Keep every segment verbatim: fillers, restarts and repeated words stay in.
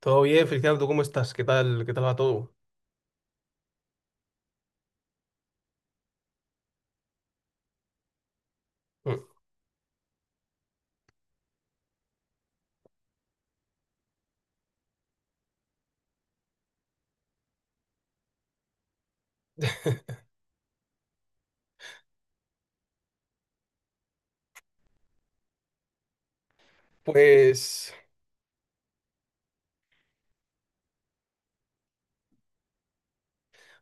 Todo bien, Feliciano, ¿tú cómo estás? ¿Qué tal? ¿Qué tal va todo? Mm. Pues,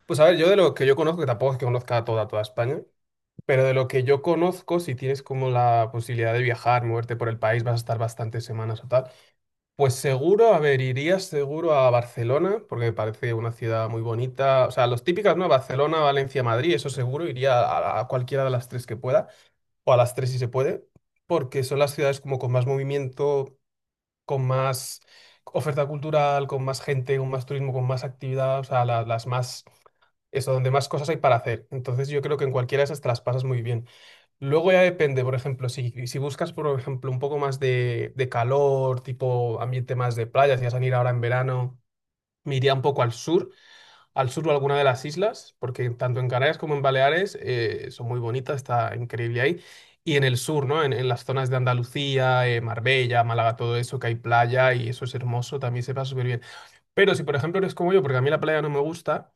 pues a ver, yo de lo que yo conozco, que tampoco es que conozca a toda, toda España, pero de lo que yo conozco, si tienes como la posibilidad de viajar, moverte por el país, vas a estar bastantes semanas o tal, pues seguro, a ver, irías seguro a Barcelona, porque me parece una ciudad muy bonita, o sea, los típicas, ¿no? Barcelona, Valencia, Madrid, eso seguro, iría a, a cualquiera de las tres que pueda, o a las tres si se puede, porque son las ciudades como con más movimiento, con más oferta cultural, con más gente, con más turismo, con más actividad, o sea, la- las más, eso, donde más cosas hay para hacer. Entonces yo creo que en cualquiera de esas te las pasas muy bien. Luego ya depende, por ejemplo, si, si buscas, por ejemplo, un poco más de, de calor, tipo ambiente más de playa, si vas a ir ahora en verano, me iría un poco al sur, al sur o alguna de las islas, porque tanto en Canarias como en Baleares eh, son muy bonitas, está increíble ahí. Y en el sur, ¿no? En, en las zonas de Andalucía, eh, Marbella, Málaga, todo eso, que hay playa y eso es hermoso, también se pasa súper bien. Pero si, por ejemplo, eres como yo, porque a mí la playa no me gusta,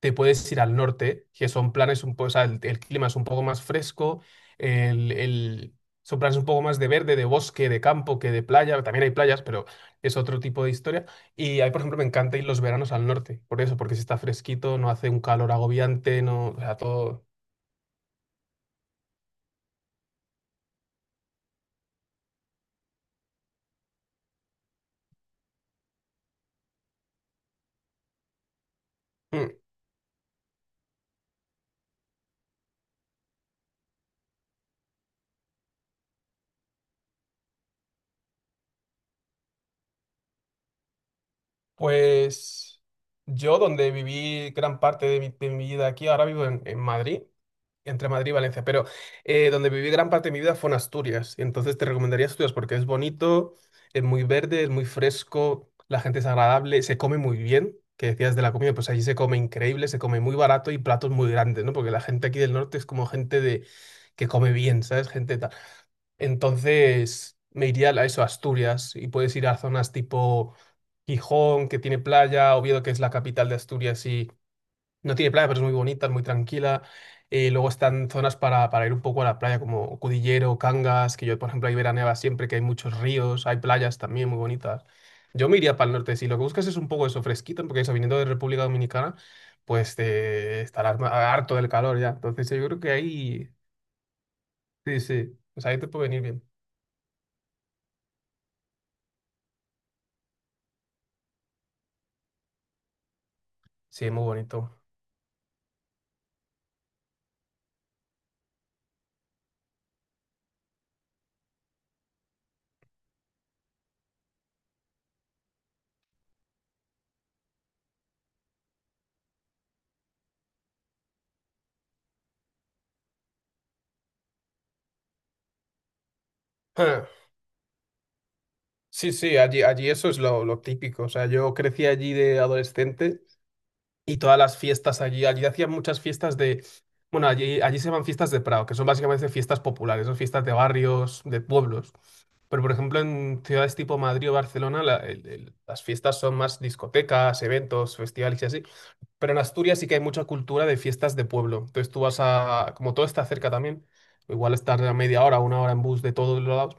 te puedes ir al norte, que son planes un poco, o sea, el, el clima es un poco más fresco, el, el- son planes un poco más de verde, de bosque, de campo, que de playa, también hay playas, pero es otro tipo de historia. Y ahí, por ejemplo, me encanta ir los veranos al norte, por eso, porque si está fresquito, no hace un calor agobiante, no, o sea, todo... mm, pues yo, donde viví gran parte de mi, de mi vida aquí, ahora vivo en, en Madrid, entre Madrid y Valencia, pero eh, donde viví gran parte de mi vida fue en Asturias. Y entonces te recomendaría Asturias porque es bonito, es muy verde, es muy fresco, la gente es agradable, se come muy bien, que decías de la comida, pues allí se come increíble, se come muy barato y platos muy grandes, ¿no? Porque la gente aquí del norte es como gente de que come bien, ¿sabes? Gente tal. Entonces me iría a eso, a Asturias, y puedes ir a zonas tipo Gijón, que tiene playa, Oviedo, que es la capital de Asturias y no tiene playa, pero es muy bonita, es muy tranquila. Eh, luego están zonas para, para ir un poco a la playa, como Cudillero, Cangas, que yo, por ejemplo, ahí veraneaba siempre, que hay muchos ríos, hay playas también muy bonitas. Yo me iría para el norte, si lo que buscas es un poco eso, fresquito, porque eso, viniendo de República Dominicana, pues te estarás ma- harto del calor ya. Entonces yo creo que ahí, sí, sí, pues ahí te puede venir bien. Sí, muy bonito. Ah, sí, sí, allí, allí eso es lo, lo típico. O sea, yo crecí allí de adolescente y todas las fiestas allí, allí hacían muchas fiestas de, bueno, allí, allí se llaman fiestas de Prado, que son básicamente fiestas populares, son fiestas de barrios, de pueblos. Pero, por ejemplo, en ciudades tipo Madrid o Barcelona, la- el- el- las fiestas son más discotecas, eventos, festivales y así. Pero en Asturias sí que hay mucha cultura de fiestas de pueblo. Entonces tú vas a, como todo está cerca también, igual estar a media hora, una hora en bus de todos lados,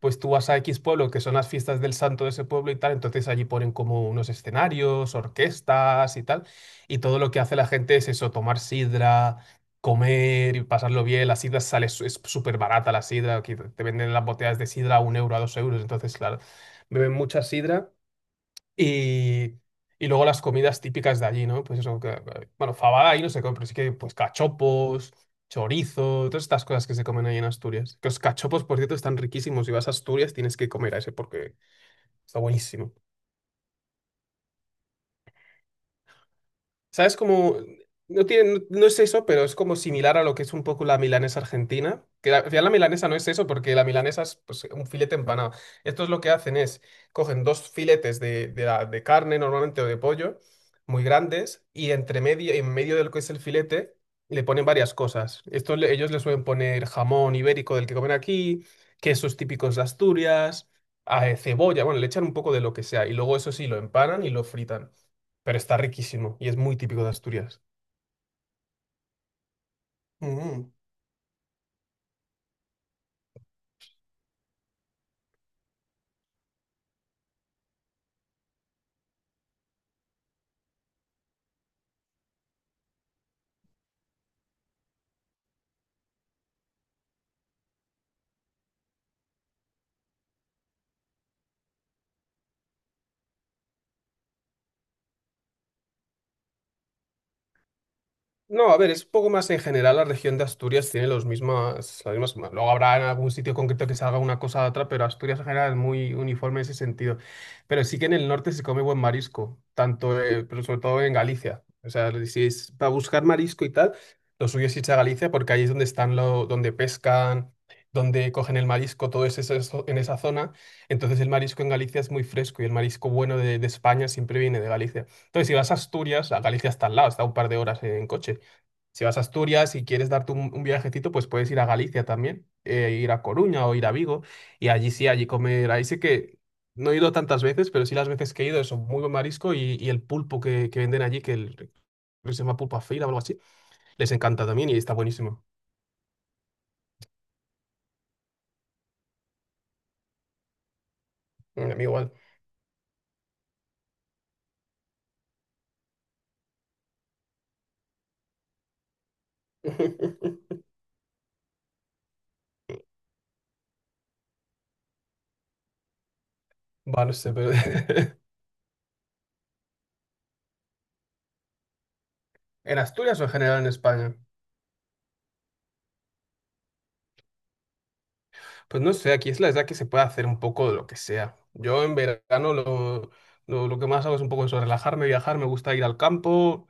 pues tú vas a X pueblo, que son las fiestas del santo de ese pueblo y tal, entonces allí ponen como unos escenarios, orquestas y tal, y todo lo que hace la gente es eso, tomar sidra, comer y pasarlo bien, la sidra sale, su- es súper barata la sidra, aquí te te venden las botellas de sidra a un euro, a dos euros, entonces claro, beben mucha sidra y, y luego las comidas típicas de allí, ¿no? Pues eso, que- que- bueno, fabada ahí no se come, pero sí que pues cachopos, chorizo, todas estas cosas que se comen ahí en Asturias. Que los cachopos, por cierto, están riquísimos. Si vas a Asturias tienes que comer a ese porque está buenísimo. ¿Sabes cómo? No tiene, no, no es eso, pero es como similar a lo que es un poco la milanesa argentina. Que la, al final la milanesa no es eso, porque la milanesa es pues, un filete empanado. Estos lo que hacen es, cogen dos filetes de, de, la- de carne normalmente o de pollo, muy grandes, y entre medio, en medio de lo que es el filete le ponen varias cosas. Esto le- ellos le suelen poner jamón ibérico del que comen aquí, quesos típicos de Asturias, ah, eh, cebolla, bueno, le echan un poco de lo que sea, y luego eso sí, lo empanan y lo fritan, pero está riquísimo y es muy típico de Asturias. Mm. No, a ver, es un poco más en general. La región de Asturias tiene los mismas, las mismas. Luego habrá en algún sitio concreto que salga una cosa a otra, pero Asturias en general es muy uniforme en ese sentido. Pero sí que en el norte se come buen marisco, tanto, eh, pero sobre todo en Galicia. O sea, si es para buscar marisco y tal, lo suyo es irse a Galicia porque ahí es donde están lo, donde pescan, donde cogen el marisco, todo es eso, eso- en esa zona. Entonces el marisco en Galicia es muy fresco y el marisco bueno de, de España siempre viene de Galicia. Entonces, si vas a Asturias, a Galicia está al lado, está a un par de horas en coche. Si vas a Asturias y quieres darte un, un viajecito, pues puedes ir a Galicia también, eh, ir a Coruña o ir a Vigo. Y allí sí, allí comer. Ahí sí que no he ido tantas veces, pero sí las veces que he ido, eso, muy buen marisco y, y el pulpo que, que venden allí, que el- creo que se llama pulpa feira o algo así, les encanta también y está buenísimo. Mm, a mí igual. Va, no sé, pero... ¿En Asturias o en general en España? Pues no sé, aquí es la edad que se puede hacer un poco de lo que sea. Yo en verano lo, lo, lo que más hago es un poco eso, relajarme, viajar, me gusta ir al campo,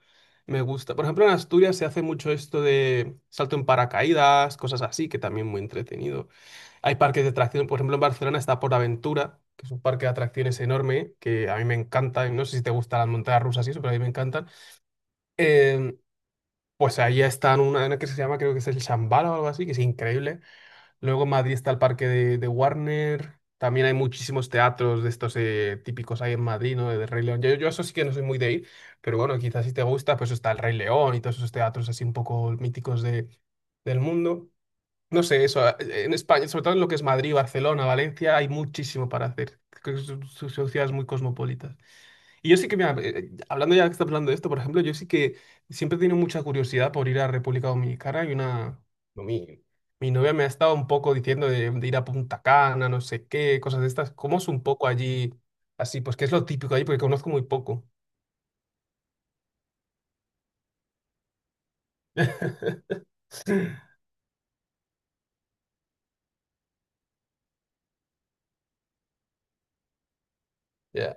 me gusta. Por ejemplo, en Asturias se hace mucho esto de salto en paracaídas, cosas así, que también muy entretenido. Hay parques de atracciones, por ejemplo, en Barcelona está Aventura, que es un parque de atracciones enorme, que a mí me encanta, y no sé si te gustan las montañas rusas y eso, pero a mí me encantan. Em, pues ahí están una, una que se llama, creo que es el Shambhala o algo así, que es increíble. Luego en Madrid está el parque de, de Warner. También hay muchísimos teatros de estos eh, típicos ahí en Madrid, ¿no? De Rey León. Yo, yo eso sí que no soy muy de ir, pero bueno, quizás si te gusta, pues está el Rey León y todos esos teatros así un poco míticos de, del mundo. No sé, eso, eh, en España, sobre todo en lo que es Madrid, Barcelona, Valencia, hay muchísimo para hacer. Creo que son son ciudades muy cosmopolitas. Y yo sí que, mira, eh, eh, hablando ya que estás hablando de esto, por ejemplo, yo sí que siempre he tenido mucha curiosidad por ir a República Dominicana y una... no, mi, mi novia me ha estado un poco diciendo de, de ir a Punta Cana, no sé qué, cosas de estas. ¿Cómo es un poco allí así? Pues que es lo típico allí porque conozco muy poco. Ya.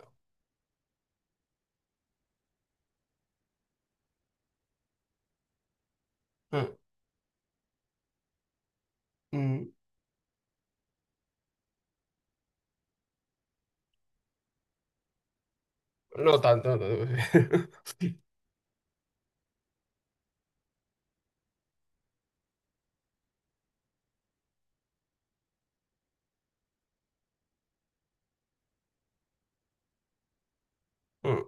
Mm, mm, no tanto, no tanto. Mm,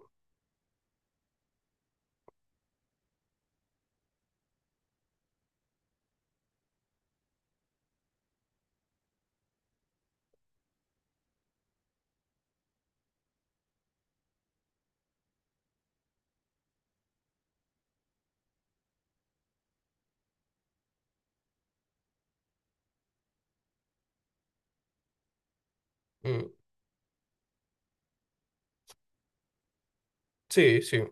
mm, sí, sí.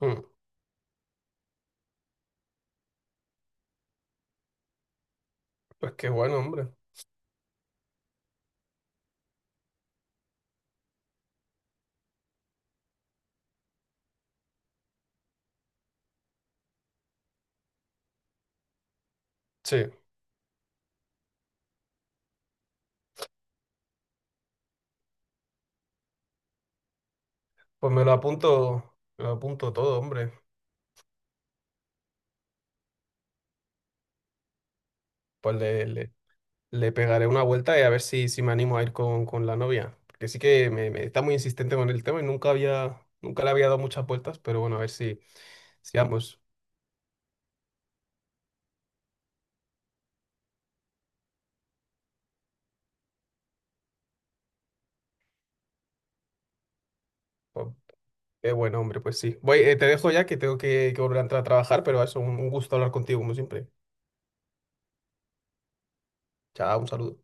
Mm, pues qué bueno, hombre. Sí. Pues me lo apunto, me lo apunto todo, hombre. Pues le, le- le pegaré una vuelta y a ver si, si me animo a ir con, con la novia. Porque sí que me, me está muy insistente con el tema y nunca había, nunca le había dado muchas vueltas, pero bueno, a ver si, si vamos. Pues, qué buen hombre, pues sí. Voy, eh, te dejo ya que tengo que, que volver a entrar a trabajar, pero eso, un un gusto hablar contigo, como siempre. Chao, un saludo.